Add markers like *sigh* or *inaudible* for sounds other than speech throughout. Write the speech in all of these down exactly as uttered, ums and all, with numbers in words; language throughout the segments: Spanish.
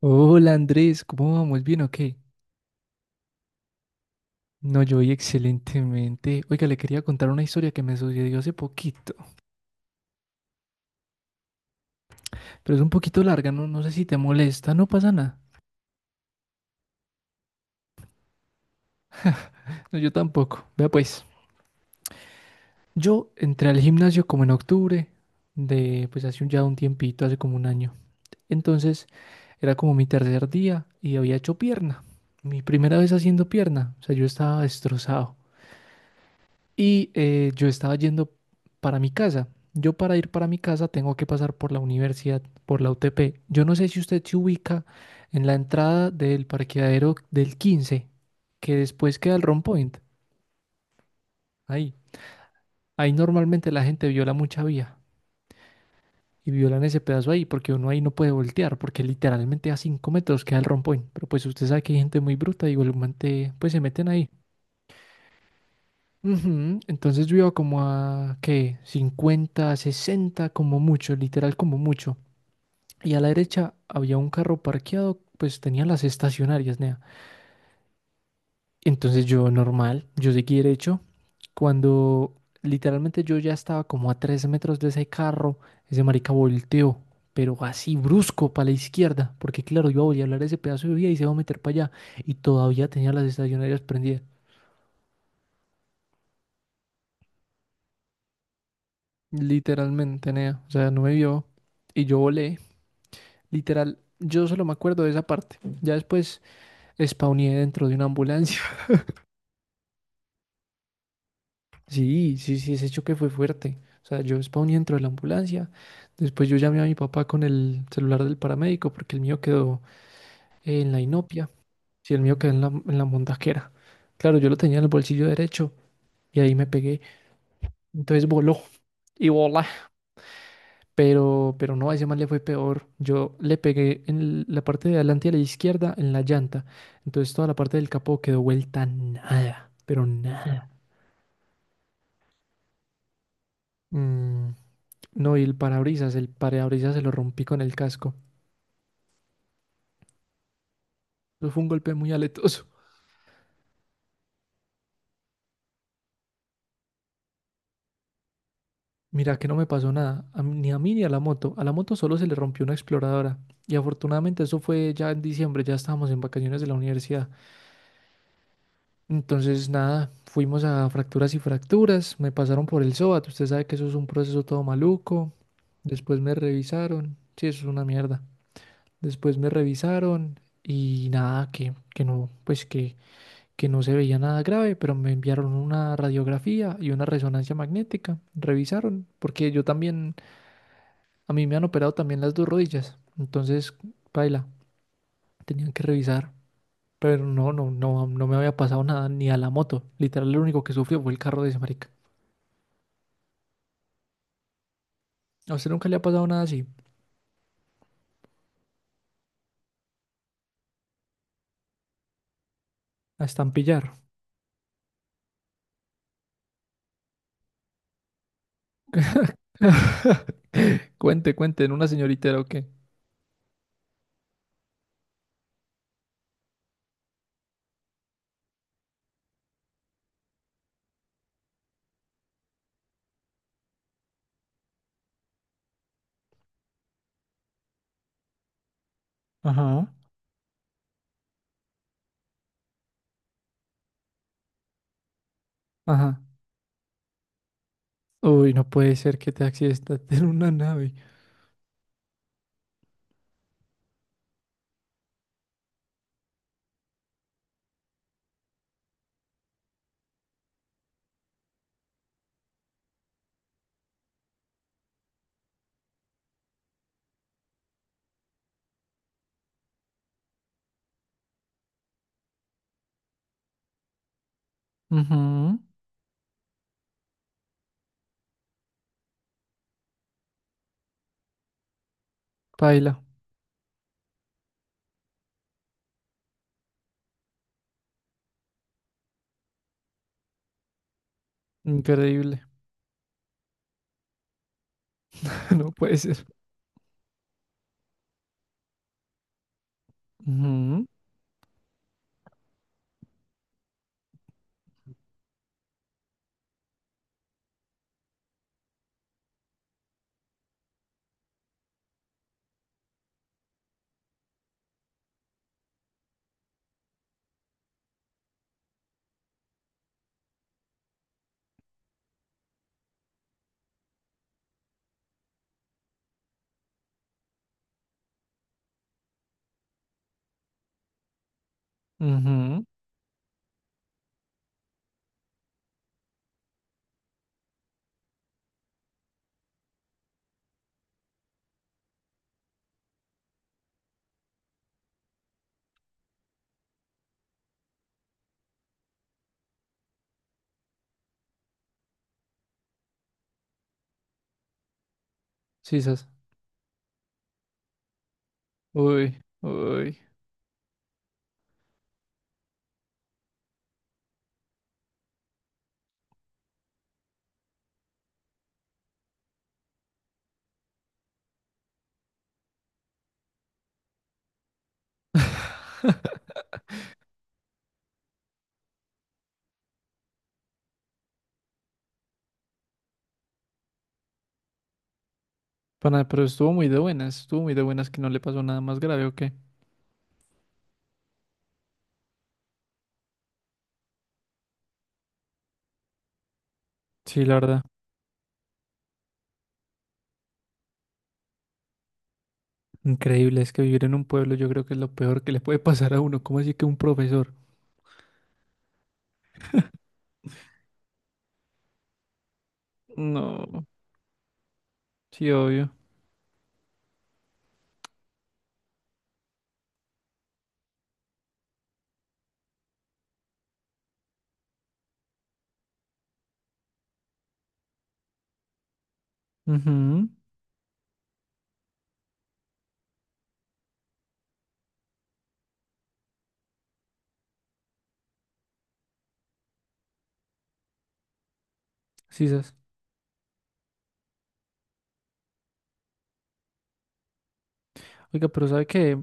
Hola Andrés, ¿cómo vamos? ¿Bien o qué? No, yo voy excelentemente. Oiga, le quería contar una historia que me sucedió hace poquito, pero es un poquito larga, no, no sé si te molesta, no pasa nada. No, yo tampoco. Vea pues, yo entré al gimnasio como en octubre de, pues hace un, ya un tiempito, hace como un año. Entonces, era como mi tercer día y había hecho pierna. Mi primera vez haciendo pierna, o sea, yo estaba destrozado. Y eh, yo estaba yendo para mi casa. Yo para ir para mi casa tengo que pasar por la universidad, por la U T P. Yo no sé si usted se ubica en la entrada del parqueadero del quince que después queda el Rompoint. Ahí. Ahí normalmente la gente viola mucha vía y violan ese pedazo ahí porque uno ahí no puede voltear porque literalmente a cinco metros queda el Rompoint. Pero pues usted sabe que hay gente muy bruta y igualmente pues se meten ahí. Ujú. Entonces yo iba como a, ¿qué? Cincuenta, sesenta, como mucho, literal como mucho. Y a la derecha había un carro parqueado, pues tenía las estacionarias, nea. Entonces yo normal, yo seguí derecho. Cuando literalmente yo ya estaba como a tres metros de ese carro, ese marica volteó, pero así brusco para la izquierda, porque claro, yo voy a hablar ese pedazo de vía y se va a meter para allá. Y todavía tenía las estacionarias prendidas. Literalmente, nea. O sea, no me vio. Y yo volé. Literal, yo solo me acuerdo de esa parte. Ya después spawné dentro de una ambulancia. *laughs* Sí, sí, sí, ese choque fue fuerte. O sea, yo spawné dentro de la ambulancia. Después yo llamé a mi papá con el celular del paramédico porque el mío quedó en la inopia. Sí, el mío quedó en la, en la montaquera. Claro, yo lo tenía en el bolsillo derecho y ahí me pegué. Entonces voló y volé. Pero, pero no, a ese man le fue peor. Yo le pegué en el- la parte de adelante y a la izquierda en la llanta. Entonces toda la parte del capó quedó vuelta nada, pero nada. *laughs* Mm, no, y el parabrisas, el parabrisas se lo rompí con el casco. Eso fue un golpe muy aletoso. Mira que no me pasó nada, a mí- ni a mí ni a la moto. A la moto solo se le rompió una exploradora. Y afortunadamente eso fue ya en diciembre, ya estábamos en vacaciones de la universidad. Entonces, nada, fuimos a fracturas y fracturas, me pasaron por el SOAT, usted sabe que eso es un proceso todo maluco, después me revisaron, sí, eso es una mierda, después me revisaron y nada, que, que no, pues que, que no se veía nada grave, pero me enviaron una radiografía y una resonancia magnética, revisaron, porque yo también, a mí me han operado también las dos rodillas, entonces, paila, tenían que revisar. Pero no, no, no, no me había pasado nada ni a la moto. Literal, lo único que sufrió fue el carro de ese marica. A usted nunca le ha pasado nada así. A estampillar. *laughs* Cuente, cuente, en una señorita o qué. Ajá. Ajá. Uy, no puede ser que te accidentes en una nave. Ujú. Paila. Increíble. *laughs* No puede ser. Mhm. Mhm. Sisas. Uy, uy. Pana, pero estuvo muy de buenas. Estuvo muy de buenas que no le pasó nada más grave o qué. Sí, la verdad. Increíble, es que vivir en un pueblo yo creo que es lo peor que le puede pasar a uno. ¿Cómo así que un profesor? No, sí, obvio. Ujú. Sí, sas. Oiga, pero ¿sabe qué?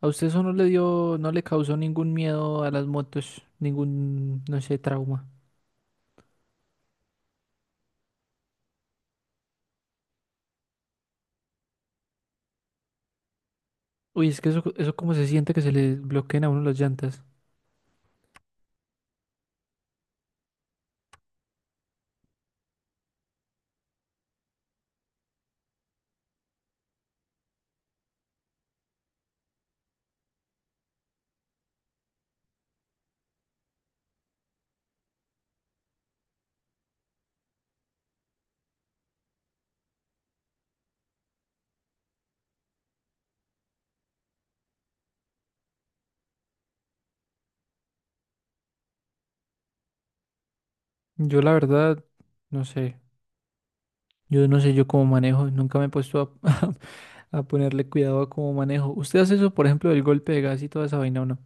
¿A usted eso no le dio, no le causó ningún miedo a las motos? Ningún, no sé, trauma. Uy, es que eso, eso cómo se siente que se le bloqueen a uno las llantas. Yo la verdad, no sé. Yo no sé yo cómo manejo, nunca me he puesto a, *laughs* a ponerle cuidado a cómo manejo. ¿Usted hace eso, por ejemplo, del golpe de gas y toda esa vaina o no?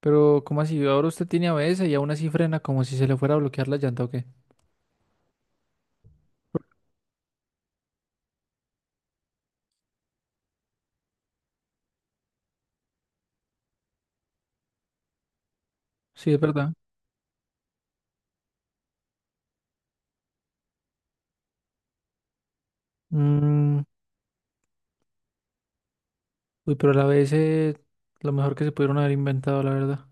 Pero, ¿cómo así? Ahora usted tiene A B S y aún así frena como si se le fuera a bloquear la llanta o qué. Sí, es verdad. Mm, uy, pero el A B S, lo mejor que se pudieron haber inventado, la verdad.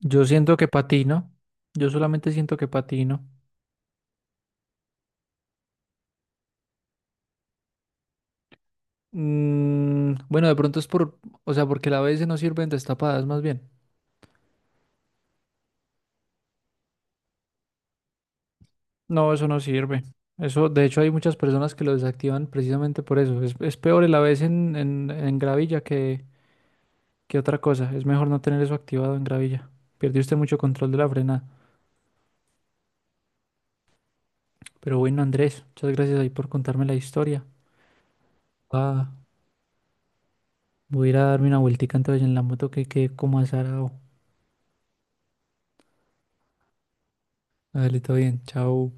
Yo siento que patino. Yo solamente siento que patino. Mm, bueno, de pronto es por, o sea, porque el A B S no sirve en destapadas, más bien. No, eso no sirve. Eso, de hecho, hay muchas personas que lo desactivan precisamente por eso. Es, es peor el A B S en, en, en gravilla que, que otra cosa. Es mejor no tener eso activado en gravilla. Pierde usted mucho control de la frenada. Pero bueno, Andrés, muchas gracias ahí por contarme la historia. Ah, voy a ir a darme una vueltica entonces en la moto que quedé como azarado. Dale, todo bien, chao.